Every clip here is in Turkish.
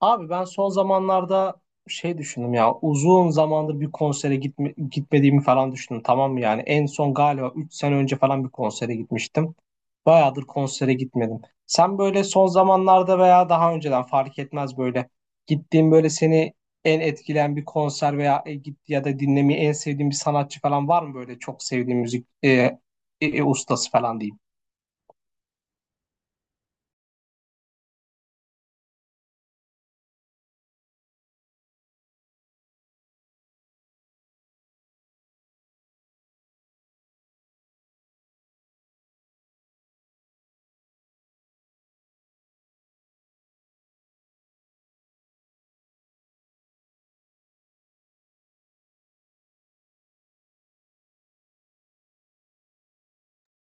Abi ben son zamanlarda şey düşündüm ya, uzun zamandır bir konsere gitmediğimi falan düşündüm, tamam mı? Yani en son galiba 3 sene önce falan bir konsere gitmiştim. Bayağıdır konsere gitmedim. Sen böyle son zamanlarda veya daha önceden fark etmez, böyle gittiğin, böyle seni en etkileyen bir konser veya e, git ya da dinlemeyi en sevdiğin bir sanatçı falan var mı, böyle çok sevdiğin müzik ustası falan diyeyim?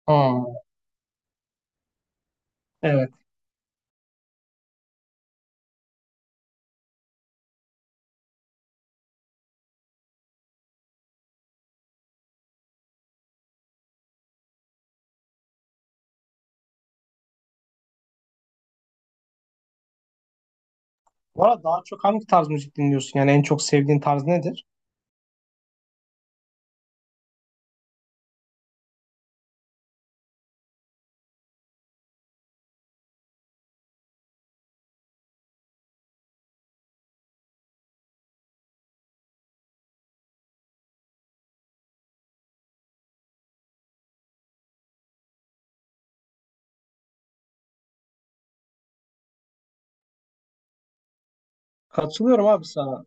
Hmm, evet. Bu arada daha çok hangi tarz müzik dinliyorsun, yani en çok sevdiğin tarz nedir? Katılıyorum abi sana.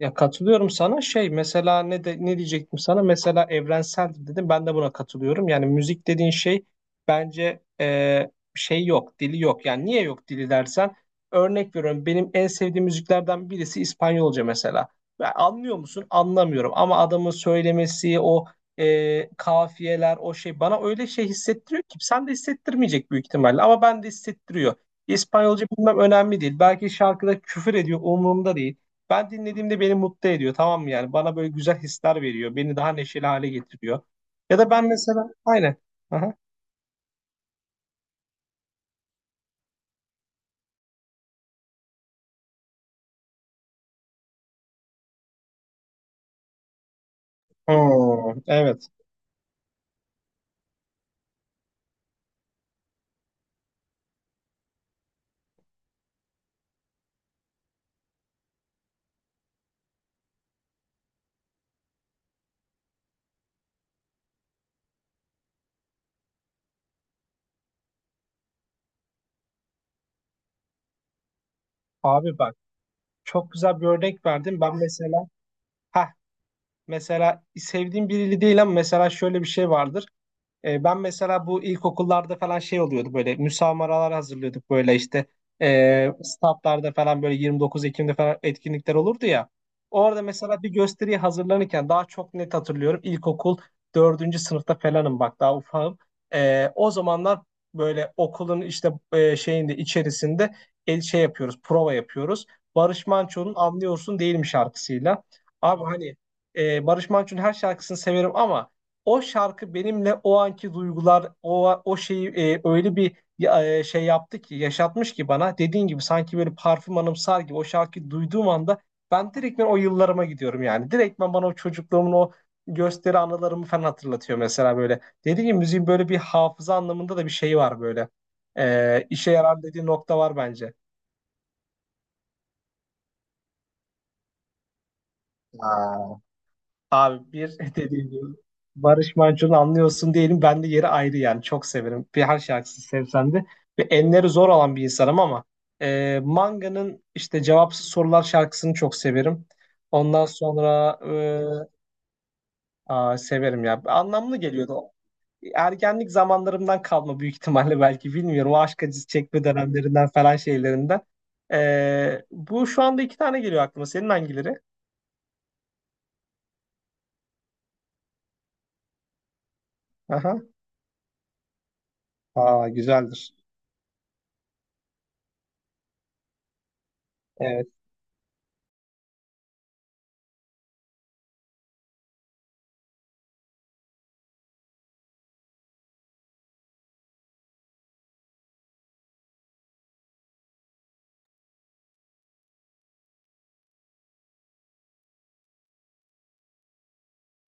Ya katılıyorum sana, şey mesela ne de ne diyecektim sana, mesela evrenseldir dedim, ben de buna katılıyorum. Yani müzik dediğin şey bence şey yok dili, yok yani. Niye yok dili dersen, örnek veriyorum, benim en sevdiğim müziklerden birisi İspanyolca mesela. Ya anlıyor musun? Anlamıyorum ama adamın söylemesi, o kafiyeler, o şey bana öyle şey hissettiriyor ki sen de hissettirmeyecek büyük ihtimalle ama ben de hissettiriyor. İspanyolca bilmem önemli değil, belki şarkıda küfür ediyor, umurumda değil. Ben dinlediğimde beni mutlu ediyor, tamam mı? Yani bana böyle güzel hisler veriyor, beni daha neşeli hale getiriyor ya da ben mesela aynen. Aha. Hmm, evet. Abi bak, çok güzel bir örnek verdim ben mesela. Ha mesela sevdiğim biriyle değil ama mesela şöyle bir şey vardır. Ben mesela bu ilkokullarda falan şey oluyordu, böyle müsamaralar hazırlıyorduk, böyle işte statlarda falan böyle 29 Ekim'de falan etkinlikler olurdu ya. Orada mesela bir gösteriye hazırlanırken daha çok net hatırlıyorum, ilkokul dördüncü sınıfta falanım, bak daha ufağım. O zamanlar böyle okulun işte şeyinde, içerisinde el şey yapıyoruz, prova yapıyoruz. Barış Manço'nun Anlıyorsun Değil mi şarkısıyla. Abi hani Barış Manço'nun her şarkısını severim ama o şarkı benimle o anki duygular, o şeyi öyle bir şey yaptı ki, yaşatmış ki bana. Dediğin gibi sanki böyle parfüm anımsar gibi, o şarkıyı duyduğum anda ben direktmen o yıllarıma gidiyorum yani. Direktmen bana o çocukluğumun o gösteri anılarımı falan hatırlatıyor mesela böyle. Dediğim gibi müziğin böyle bir hafıza anlamında da bir şey var böyle. İşe yarar dediği nokta var bence. Aa. Abi bir dediğim gibi Barış Manço'nu anlıyorsun diyelim. Ben de yeri ayrı yani. Çok severim. Bir her şarkısını sevsem de. Ve enleri zor olan bir insanım ama Manga'nın işte Cevapsız Sorular şarkısını çok severim. Ondan sonra severim ya. Anlamlı geliyordu o. Ergenlik zamanlarımdan kalma büyük ihtimalle, belki bilmiyorum. O aşk acısı çekme dönemlerinden falan şeylerinden. Bu şu anda iki tane geliyor aklıma. Senin hangileri? Aha. Aa, güzeldir. Evet.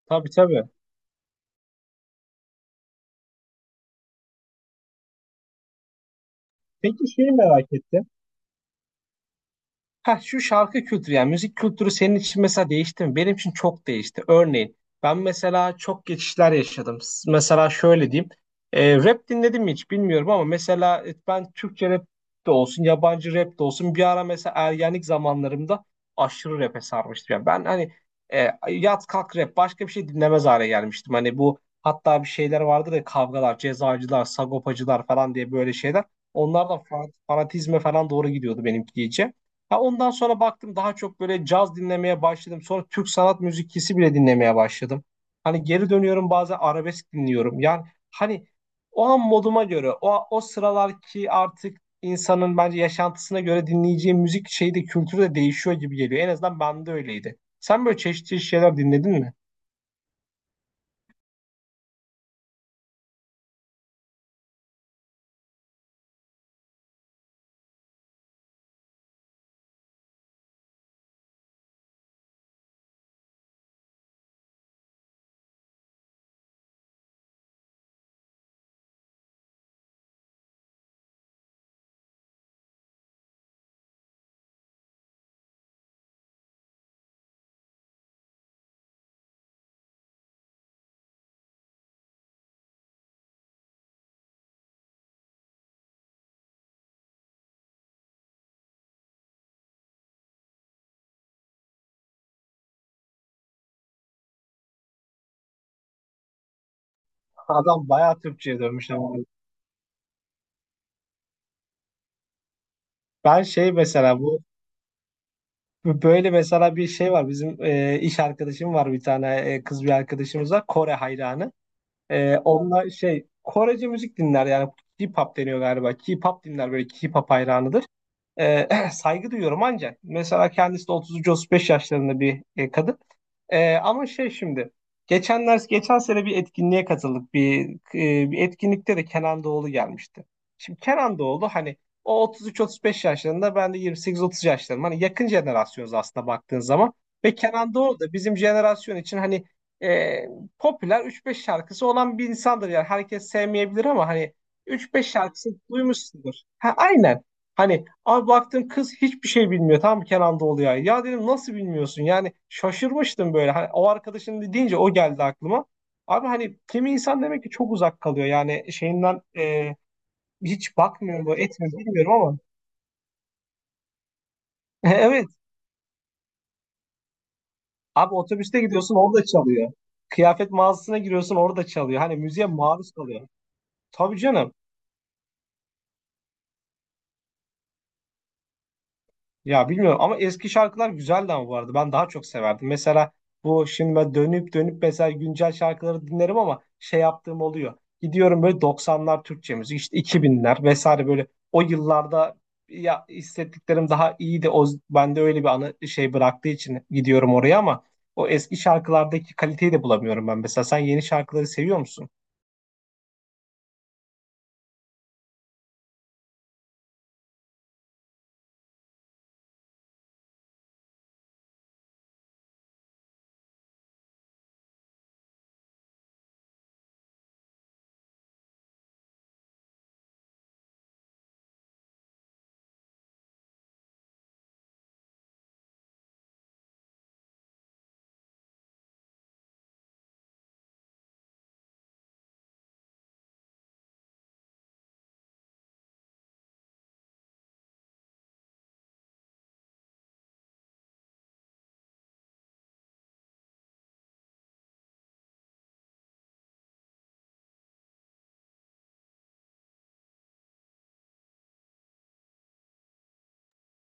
Tabii tabii. Peki şeyi merak ettim. Ha şu şarkı kültürü, yani müzik kültürü senin için mesela değişti mi? Benim için çok değişti. Örneğin ben mesela çok geçişler yaşadım. Mesela şöyle diyeyim. Rap dinledim mi hiç bilmiyorum ama mesela ben Türkçe rap de olsun, yabancı rap de olsun, bir ara mesela ergenlik zamanlarımda aşırı rap'e sarmıştım. Yani ben hani yat kalk rap, başka bir şey dinlemez hale gelmiştim. Hani bu, hatta bir şeyler vardı da, kavgalar, cezacılar, sagopacılar falan diye böyle şeyler. Onlardan fanatizme falan doğru gidiyordu benimki iyice. Ha ondan sonra baktım daha çok böyle caz dinlemeye başladım. Sonra Türk sanat müziklisi bile dinlemeye başladım. Hani geri dönüyorum, bazen arabesk dinliyorum. Yani hani o an moduma göre, o sıralar ki artık insanın bence yaşantısına göre dinleyeceği müzik şeyi de kültürü de değişiyor gibi geliyor. En azından bende öyleydi. Sen böyle çeşitli çeşitli şeyler dinledin mi? Adam bayağı Türkçe'ye dönmüş ama. Ben şey mesela bu böyle mesela bir şey var. Bizim iş arkadaşım var, bir tane kız bir arkadaşımız var. Kore hayranı. Onunla şey Korece müzik dinler, yani K-pop deniyor galiba. K-pop dinler, böyle K-pop hayranıdır. Ee, saygı duyuyorum ancak mesela kendisi de 33-35 yaşlarında bir kadın. Ama şey şimdi geçen sene bir etkinliğe katıldık. Bir etkinlikte de Kenan Doğulu gelmişti. Şimdi Kenan Doğulu hani o 33-35 yaşlarında, ben de 28-30 yaşlarım. Hani yakın jenerasyonuz aslında baktığın zaman. Ve Kenan Doğulu da bizim jenerasyon için hani e, popüler 3-5 şarkısı olan bir insandır. Yani herkes sevmeyebilir ama hani 3-5 şarkısı duymuşsundur. Ha, aynen. Hani abi baktım kız hiçbir şey bilmiyor tam Kenan Doğulu'ya. Ya dedim nasıl bilmiyorsun? Yani şaşırmıştım böyle. Hani o arkadaşın deyince o geldi aklıma. Abi hani kimi insan demek ki çok uzak kalıyor. Yani şeyinden hiç bakmıyor mu etmiyor bilmiyorum ama. Evet. Abi otobüste gidiyorsun orada çalıyor. Kıyafet mağazasına giriyorsun orada çalıyor. Hani müziğe maruz kalıyor. Tabii canım. Ya bilmiyorum ama eski şarkılar güzeldi ama bu arada. Ben daha çok severdim. Mesela bu şimdi ben dönüp dönüp mesela güncel şarkıları dinlerim ama şey yaptığım oluyor. Gidiyorum böyle 90'lar Türkçe müzik, işte 2000'ler vesaire, böyle o yıllarda ya hissettiklerim daha iyiydi. De o bende öyle bir anı şey bıraktığı için gidiyorum oraya ama o eski şarkılardaki kaliteyi de bulamıyorum ben. Mesela sen yeni şarkıları seviyor musun?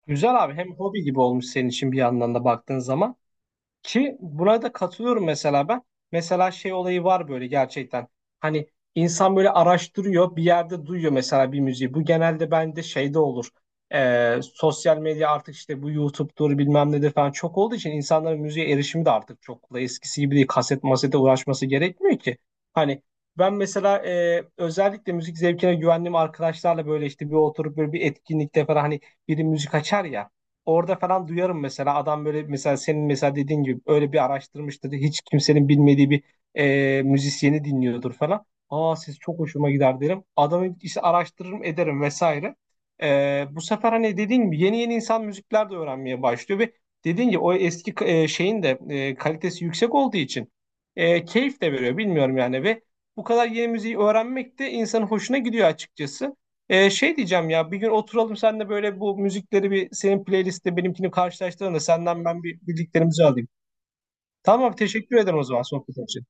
Güzel abi, hem hobi gibi olmuş senin için bir yandan da baktığın zaman. Ki buna da katılıyorum mesela ben. Mesela şey olayı var böyle gerçekten. Hani insan böyle araştırıyor, bir yerde duyuyor mesela bir müziği. Bu genelde bende şeyde olur. Sosyal medya artık işte, bu YouTube'dur bilmem nedir falan çok olduğu için, insanların müziğe erişimi de artık çok kolay. Eskisi gibi değil, kaset masete uğraşması gerekmiyor ki. Hani ben mesela özellikle müzik zevkine güvendiğim arkadaşlarla böyle işte bir oturup böyle bir etkinlikte falan hani biri müzik açar ya. Orada falan duyarım mesela, adam böyle mesela senin mesela dediğin gibi öyle bir araştırmıştır. Hiç kimsenin bilmediği bir müzisyeni dinliyordur falan. Aa siz çok hoşuma gider derim. Adamı işte araştırırım ederim vesaire. Bu sefer hani dediğin gibi yeni yeni insan müzikler de öğrenmeye başlıyor ve dediğin gibi o eski şeyin de kalitesi yüksek olduğu için keyif de veriyor bilmiyorum yani, ve bu kadar yeni müziği öğrenmek de insanın hoşuna gidiyor açıkçası. Şey diyeceğim ya, bir gün oturalım senle böyle bu müzikleri, bir senin playlistte benimkini karşılaştıralım da senden ben bir bildiklerimizi alayım. Tamam abi, teşekkür ederim o zaman sohbet için.